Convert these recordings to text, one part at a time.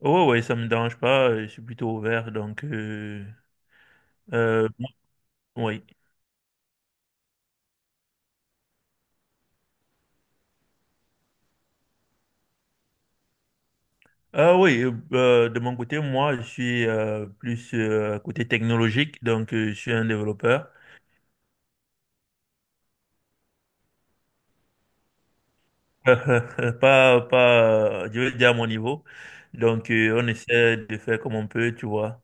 Oh, ouais, ça me dérange pas, je suis plutôt ouvert, donc... euh, oui. Ah oui, de mon côté, moi, je suis plus côté technologique, donc je suis un développeur. Pas, pas, Je veux dire à mon niveau. Donc, on essaie de faire comme on peut, tu vois.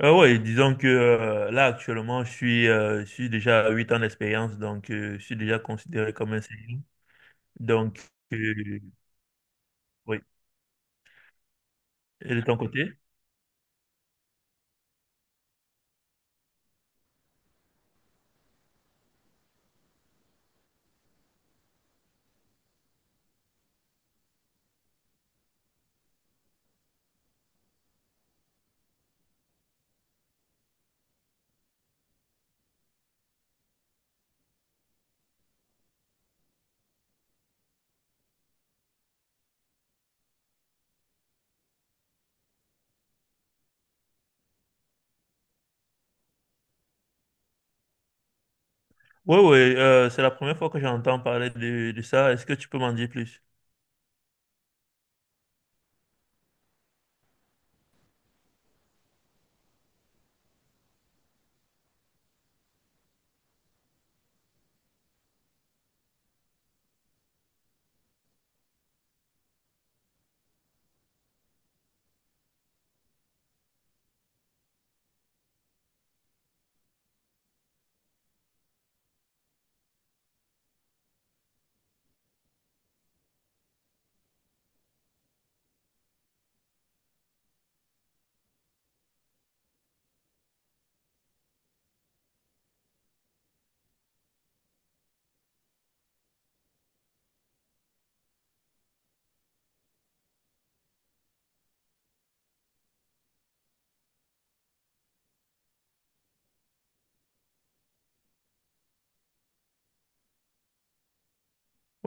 Ah oui, disons que là, actuellement, je suis déjà à 8 ans d'expérience, donc je suis déjà considéré comme un senior. Donc, euh, oui. Et de ton côté? Oui, oui, c'est la première fois que j'entends parler de ça. Est-ce que tu peux m'en dire plus?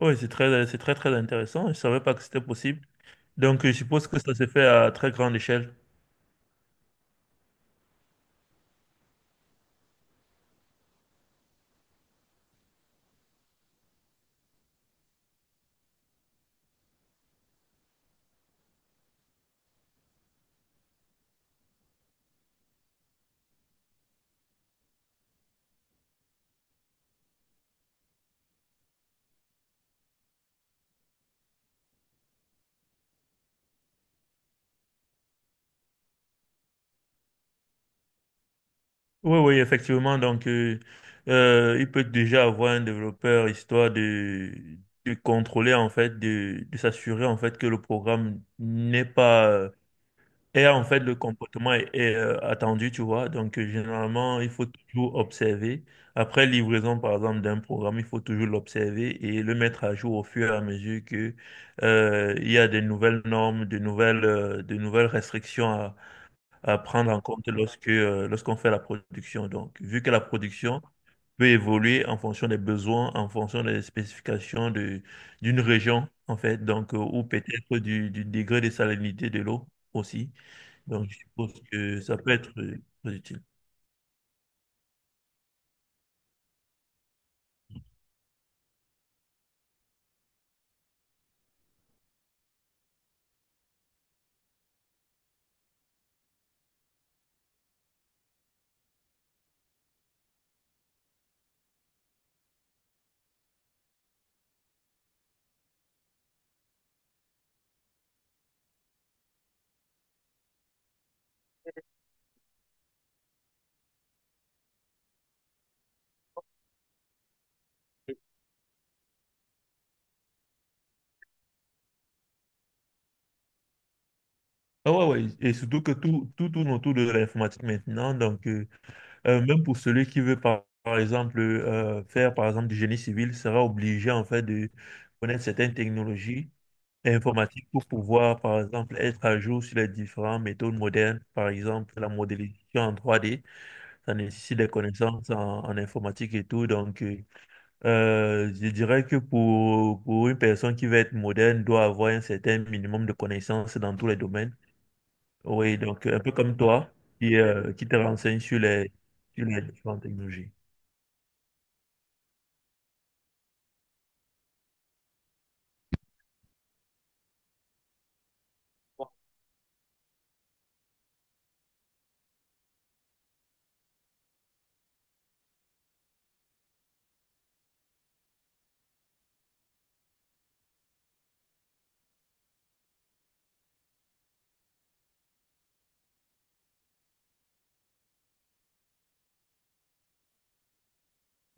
Oui, c'est très, très intéressant. Je ne savais pas que c'était possible. Donc, je suppose que ça se fait à très grande échelle. Oui, oui, effectivement. Donc, il peut déjà avoir un développeur histoire de contrôler, en fait, de s'assurer, en fait, que le programme n'est pas Et en fait, le comportement est, attendu, tu vois. Donc, généralement, il faut toujours observer. Après livraison, par exemple, d'un programme, il faut toujours l'observer et le mettre à jour au fur et à mesure que il y a de nouvelles normes, de nouvelles restrictions à prendre en compte lorsqu'on fait la production. Donc, vu que la production peut évoluer en fonction des besoins, en fonction des spécifications d'une région, en fait, donc, ou peut-être du degré de salinité de l'eau aussi. Donc, je suppose que ça peut être très utile. Ah ouais, ouais, et surtout que tout tourne autour de l'informatique maintenant. Donc, même pour celui qui veut, par exemple, faire, par exemple, du génie civil, sera obligé, en fait, de connaître certaines technologies informatiques pour pouvoir, par exemple, être à jour sur les différentes méthodes modernes. Par exemple, la modélisation en 3D, ça nécessite des connaissances en informatique et tout. Donc, je dirais que pour une personne qui veut être moderne, doit avoir un certain minimum de connaissances dans tous les domaines. Oui, donc un peu comme toi, qui te renseigne sur les différentes technologies.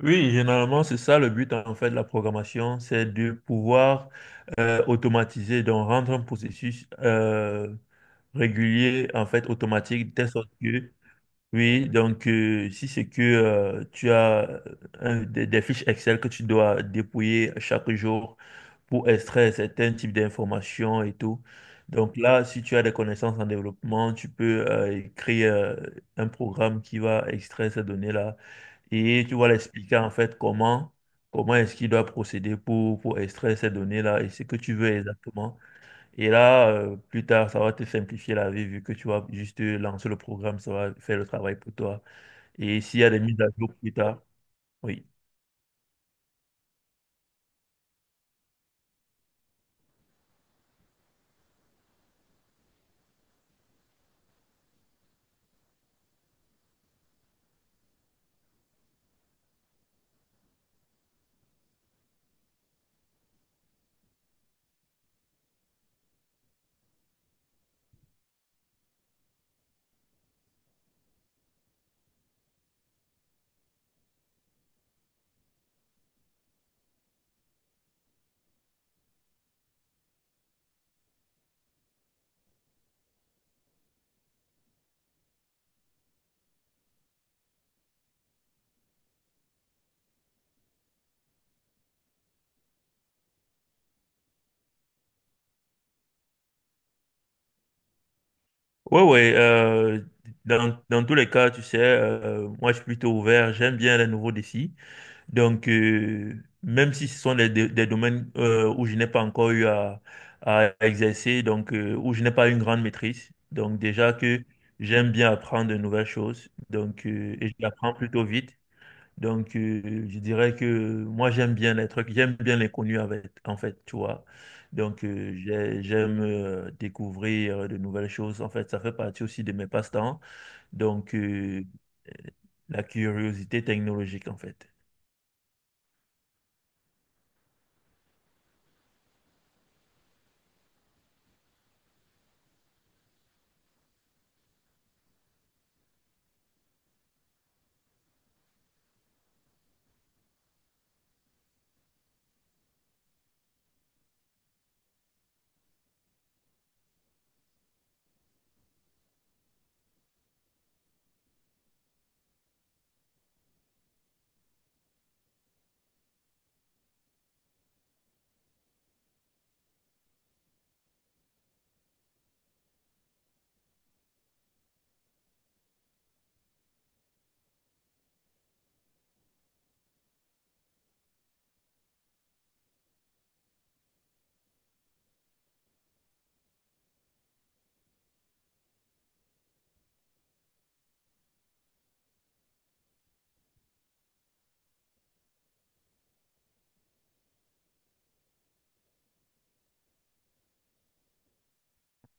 Oui, généralement, c'est ça le but en fait de la programmation, c'est de pouvoir automatiser, donc rendre un processus régulier, en fait, automatique, de telle sorte que Oui, donc si c'est que tu as des fiches Excel que tu dois dépouiller chaque jour pour extraire certains types d'informations et tout. Donc là, si tu as des connaissances en développement, tu peux créer un programme qui va extraire ces données-là et tu vas l'expliquer en fait comment comment est-ce qu'il doit procéder pour extraire ces données-là et ce que tu veux exactement. Et là, plus tard, ça va te simplifier la vie vu que tu vas juste lancer le programme, ça va faire le travail pour toi. Et s'il y a des mises à jour plus tard, oui. Ouais, ouais. Dans, dans tous les cas, tu sais, moi, je suis plutôt ouvert. J'aime bien les nouveaux défis. Donc, même si ce sont des, des domaines où je n'ai pas encore eu à exercer, donc où je n'ai pas une grande maîtrise. Donc, déjà que j'aime bien apprendre de nouvelles choses. Donc, et je l'apprends plutôt vite. Donc, je dirais que moi, j'aime bien les trucs, j'aime bien l'inconnu avec, en fait, tu vois. Donc, j'aime découvrir de nouvelles choses. En fait, ça fait partie aussi de mes passe-temps. Donc, euh, euh, la curiosité technologique, en fait.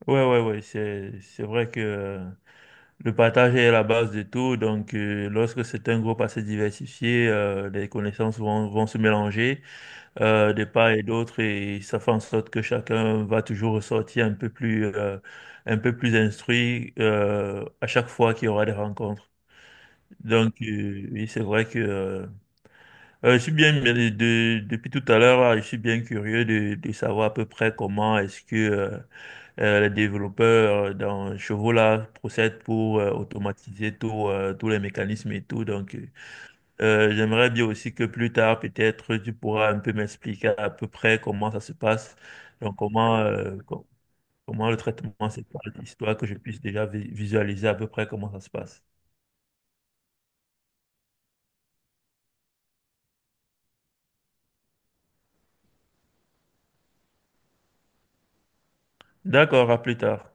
Ouais, ouais, ouais, c'est vrai que le partage est la base de tout. Donc, lorsque c'est un groupe assez diversifié, les connaissances vont se mélanger. De part et d'autre et ça fait en sorte que chacun va toujours ressortir un peu plus instruit à chaque fois qu'il y aura des rencontres. Donc, oui, c'est vrai que je suis bien, depuis tout à l'heure, là, je suis bien curieux de savoir à peu près comment est-ce que les développeurs dans Chevaux là procèdent pour automatiser tous les mécanismes et tout. Donc, j'aimerais bien aussi que plus tard, peut-être, tu pourras un peu m'expliquer à peu près comment ça se passe, donc comment, comment le traitement se passe, histoire que je puisse déjà visualiser à peu près comment ça se passe. D'accord, à plus tard.